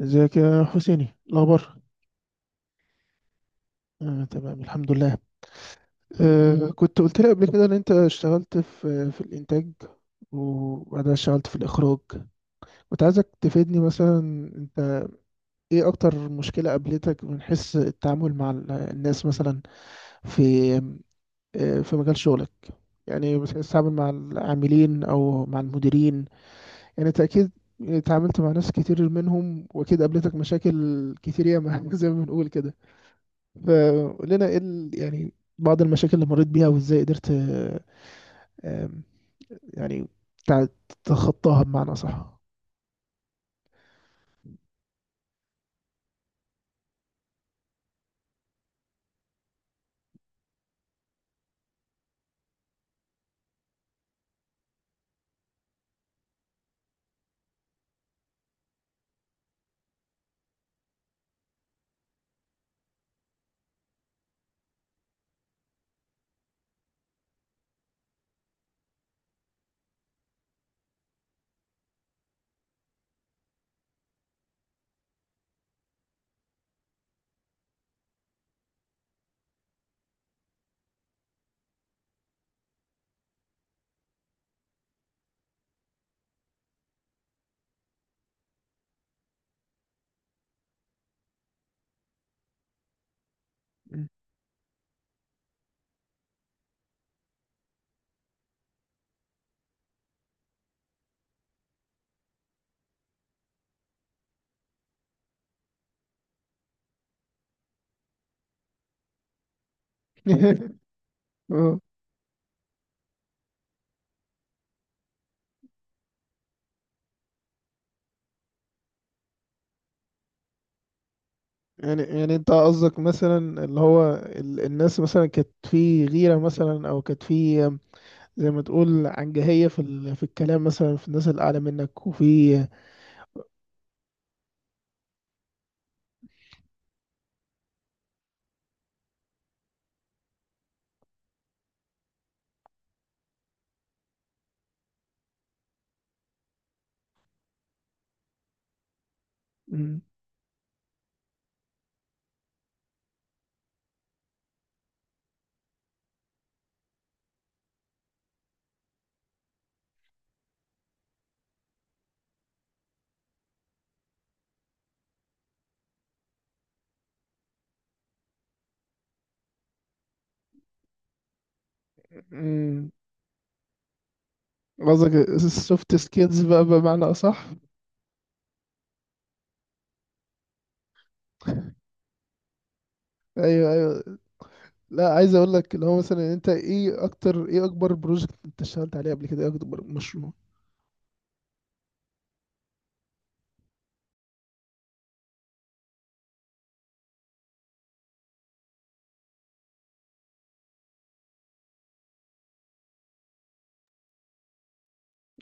ازيك يا حسيني، الاخبار؟ آه، تمام الحمد لله. مم. كنت قلت لي قبل كده ان انت اشتغلت في الانتاج وبعدها اشتغلت في الاخراج. كنت عايزك تفيدني مثلا. انت ايه اكتر مشكلة قابلتك من حيث التعامل مع الناس مثلا في في مجال شغلك؟ يعني بتحس تتعامل مع العاملين او مع المديرين، يعني انت اكيد اتعاملت مع ناس كتير منهم واكيد قابلتك مشاكل كتير ياما زي ما بنقول كده. فقلنا ايه يعني بعض المشاكل اللي مريت بيها وازاي قدرت آم، يعني تتخطاها بمعنى صح. مم. اه، يعني انت قصدك مثلا اللي هو الناس مثلا كانت في غيرة مثلا، او كانت في آم، زي ما تقول عنجهية في في الكلام مثلا، في الناس الأعلى منك وفي. مم. مم. قصدك السوفت سكيلز بقى، بمعنى أصح. أيوه، أيوه. لا، عايز اقول لك اللي هو مثلا انت ايه اكبر بروجكت انت اشتغلت عليه قبل كده، ايه اكبر مشروع؟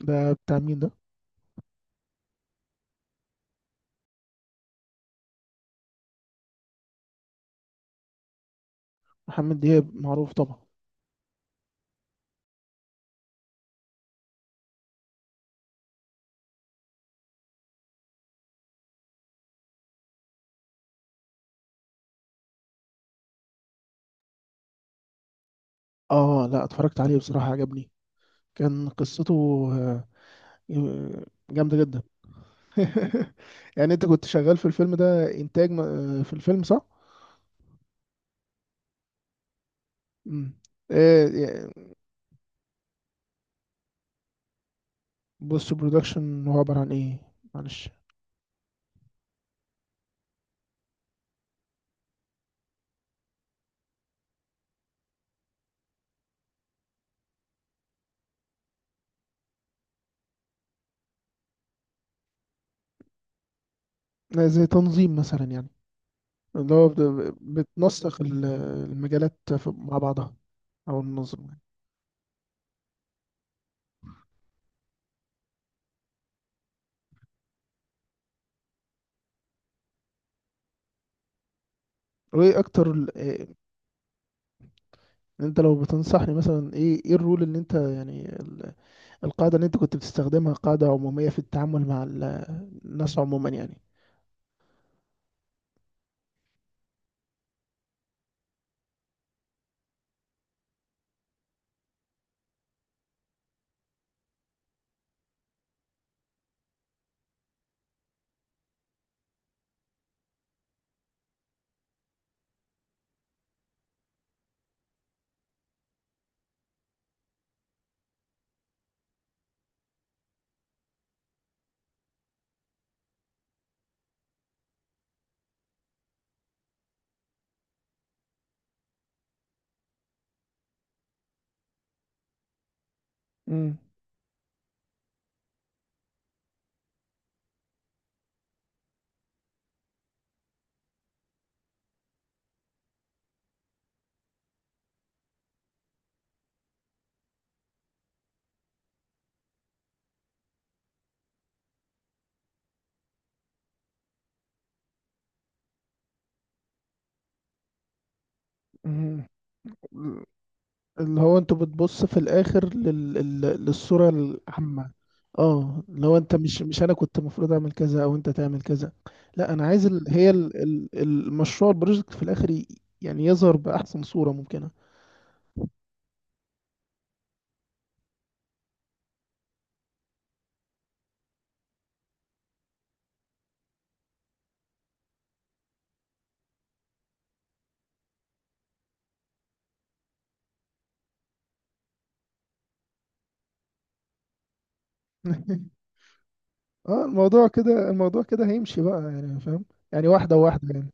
ده بتاع مين ده؟ محمد دياب معروف طبعا. اه لا، اتفرجت عليه بصراحة، عجبني. كان قصته آه، جامدة جدا. يعني انت كنت شغال في الفيلم ده انتاج في الفيلم، صح؟ امم. ايه؟ بص، برودكشن هو عبارة عن ايه؟ معلش. زي تنظيم مثلا يعني، اللي هو بتنسق المجالات مع بعضها، او النظم يعني. وايه اكتر إيه؟ انت لو بتنصحني مثلا، ايه الرول اللي انت يعني القاعدة اللي انت كنت بتستخدمها، قاعدة عمومية في التعامل مع الناس عموما يعني. مم. مم. اللي هو انت بتبص في الاخر للصورة العامة؟ اه، لو انت مش انا كنت المفروض اعمل كذا او انت تعمل كذا. لا، انا عايز هي المشروع البروجكت في الاخر يعني يظهر باحسن صورة ممكنة. اه، الموضوع كده الموضوع كده هيمشي بقى يعني، فاهم؟ يعني واحدة واحدة يعني.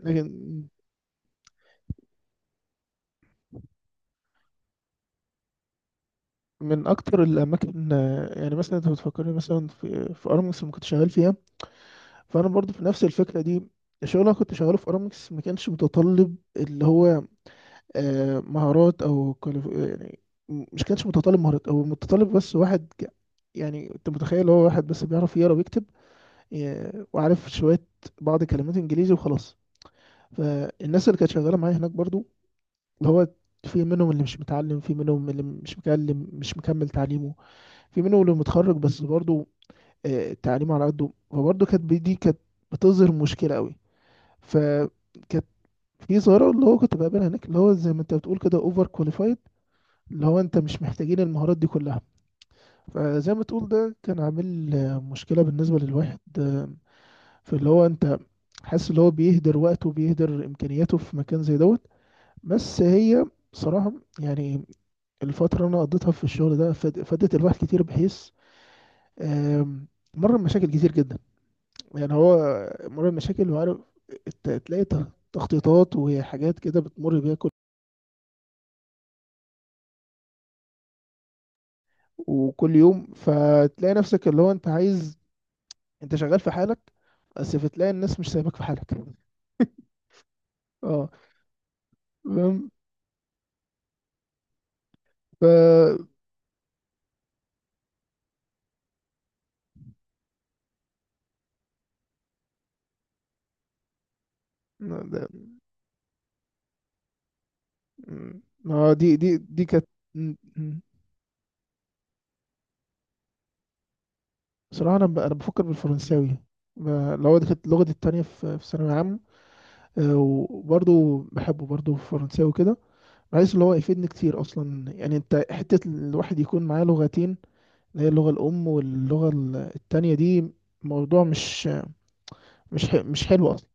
لكن من أكتر الأماكن، يعني مثلا أنت بتفكرني مثلا في أرامكس اللي كنت شغال فيها، فأنا برضو في نفس الفكرة دي. الشغل اللي أنا كنت شغاله في أرامكس ما كانش متطلب اللي هو مهارات أو يعني، مش كانش متطلب مهارات أو متطلب، بس واحد يعني أنت متخيل، هو واحد بس بيعرف يقرا ويكتب وعارف شوية بعض كلمات إنجليزي وخلاص. فالناس اللي كانت شغالة معايا هناك برضو، هو في منهم اللي مش متعلم، في منهم اللي مش مكمل تعليمه، في منهم اللي متخرج بس برضه تعليمه على قده، فبرضه كانت دي كانت بتظهر مشكلة قوي. فكانت في ظاهرة اللي هو كنت بقابلها هناك، اللي هو زي ما انت بتقول كده، اوفر كواليفايد، اللي هو انت مش محتاجين المهارات دي كلها. فزي ما تقول ده كان عامل مشكلة بالنسبة للواحد، في اللي هو انت حاسس اللي هو بيهدر وقته وبيهدر امكانياته في مكان زي دوت. بس هي بصراحة يعني، الفترة اللي أنا قضيتها في الشغل ده فادت الواحد كتير، بحيث آم، مر بمشاكل كتير جدا. يعني هو مر بمشاكل وعارف، تلاقي تخطيطات وحاجات كده بتمر بيها وكل يوم، فتلاقي نفسك اللي هو أنت عايز، أنت شغال في حالك بس، فتلاقي الناس مش سايبك في حالك. اه، فاهم. ف ما ده- ما دي كانت م- م. بصراحة. أنا بفكر بالفرنساوي، اللي هو دي كانت لغتي التانية في ثانوية عامة، وبرضه بحبه، برضه في فرنساوي كده، بحيث اللي هو يفيدني كتير اصلا يعني، انت حتة الواحد يكون معاه لغتين، اللي هي اللغة الام واللغة التانية دي، موضوع مش حلو اصلا.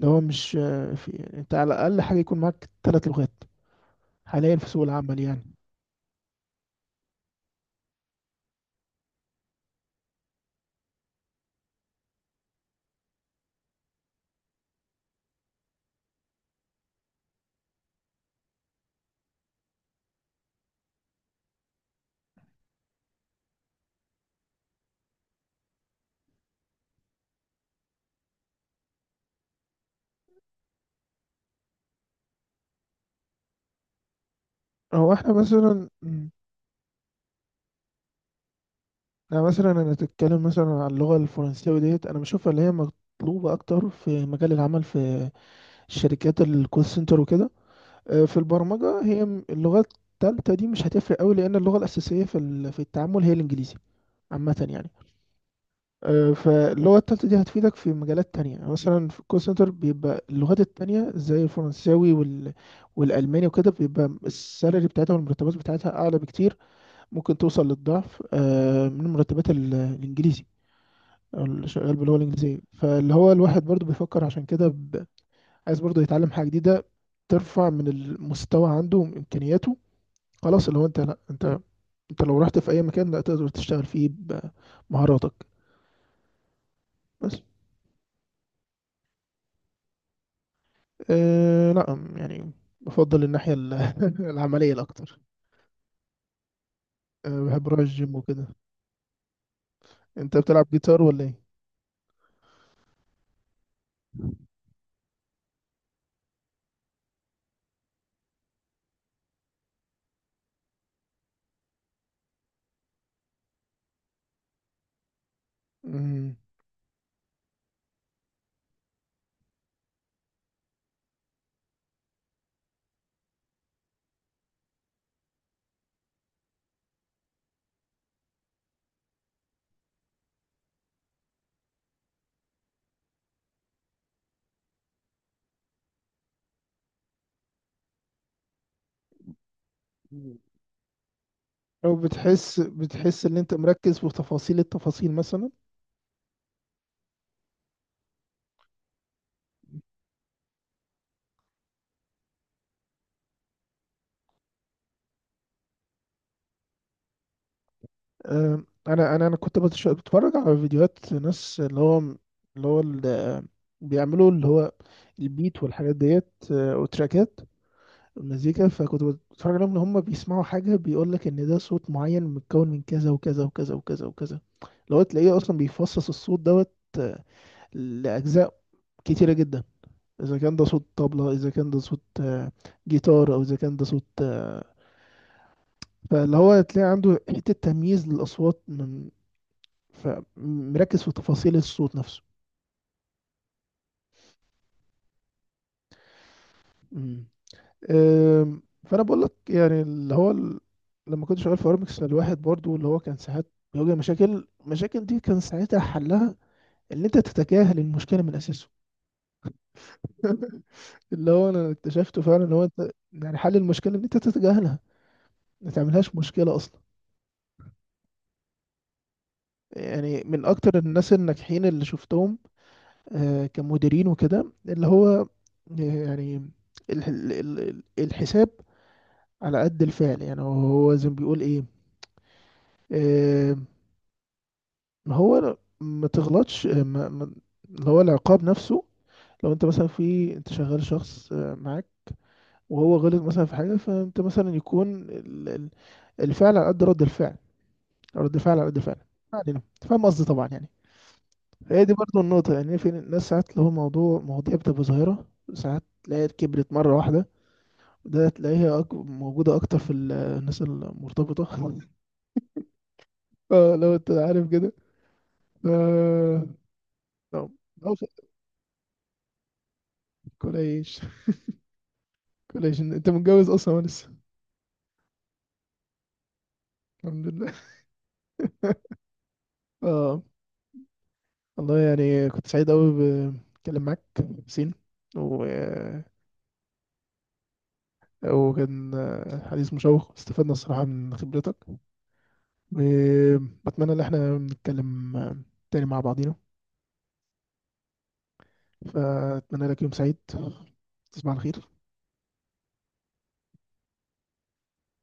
اللي هو مش آه، في يعني انت على الاقل حاجة يكون معاك ثلاث لغات حاليا في سوق العمل يعني. هو احنا مثلا انا تتكلم مثلا عن اللغة الفرنساوي ديت، انا بشوفها اللي هي مطلوبة اكتر في مجال العمل، في شركات الكول سنتر وكده. في البرمجة هي اللغة التالتة دي مش هتفرق قوي، لأن اللغة الأساسية في في التعامل هي الإنجليزي عامة يعني. فاللغة التالتة دي هتفيدك في مجالات تانية يعني، مثلا في الكول سنتر بيبقى اللغات التانية زي الفرنساوي والألماني وكده بيبقى السالري بتاعتها والمرتبات بتاعتها أعلى بكتير، ممكن توصل للضعف من مرتبات الإنجليزي أو اللي شغال باللغة الإنجليزية. فاللي هو الواحد برضو بيفكر عشان كده عايز برضو يتعلم حاجة جديدة ترفع من المستوى عنده وإمكانياته. خلاص، لو انت لا انت انت لو رحت في اي مكان لا تقدر تشتغل فيه بمهاراتك، بس. اه لا، يعني بفضل الناحية العملية الأكتر. أه، بحب أروح الجيم وكده. أنت بتلعب جيتار ولا إيه؟ مم. مم. أو بتحس إن أنت مركز في تفاصيل التفاصيل مثلا. أه، أنا كنت بتفرج على فيديوهات ناس اللي هو بيعملوا اللي هو البيت والحاجات ديت، أه، وتراكات مزيكا. فكنت بتفرج عليهم، ان هم بيسمعوا حاجه بيقول لك ان ده صوت معين متكون من كذا وكذا وكذا وكذا وكذا. لو تلاقيه اصلا بيفصص الصوت دوت آه، لاجزاء كتيره جدا، اذا كان ده صوت طبلة، اذا كان ده صوت جيتار، او اذا كان ده صوت فاللي هو تلاقي عنده حته تمييز للاصوات فمركز في تفاصيل الصوت نفسه. مم. فانا بقول لك يعني، اللي هو لما كنت شغال في ارمكس الواحد برضو اللي هو كان ساعات بيواجه مشاكل، المشاكل دي كان ساعتها حلها ان انت تتجاهل المشكله من اساسه. اللي هو انا اكتشفته فعلا، ان هو انت يعني حل المشكله ان انت تتجاهلها، ما تعملهاش مشكله اصلا. يعني من اكتر الناس الناجحين اللي شفتهم كمديرين وكده، اللي هو يعني الحساب على قد الفعل يعني، هو زي ما بيقول ايه. هو ما تغلطش، اللي هو العقاب نفسه. لو انت مثلا انت شغال شخص معاك وهو غلط مثلا في حاجة، فانت مثلا يكون الفعل على قد رد الفعل، رد الفعل على قد الفعل. ما علينا، أنت فاهم قصدي طبعا يعني. هي دي برضو النقطة يعني، في ناس ساعات اللي هو مواضيع بتبقى ظاهرة، ساعات تلاقيها كبرت مرة واحدة، وده تلاقيها موجودة أكتر في الناس المرتبطة. اه، لو انت عارف كده، ف- لو لو كل ايش كولاجين. انت متجوز اصلا ولا لسه؟ الحمد لله. اه، والله يعني كنت سعيد قوي بتكلم معاك سين و... وكان حديث مشوق، استفدنا الصراحة من خبرتك، وبتمنى ان احنا نتكلم تاني مع بعضينا. فأتمنى لك يوم سعيد، تصبح على خير.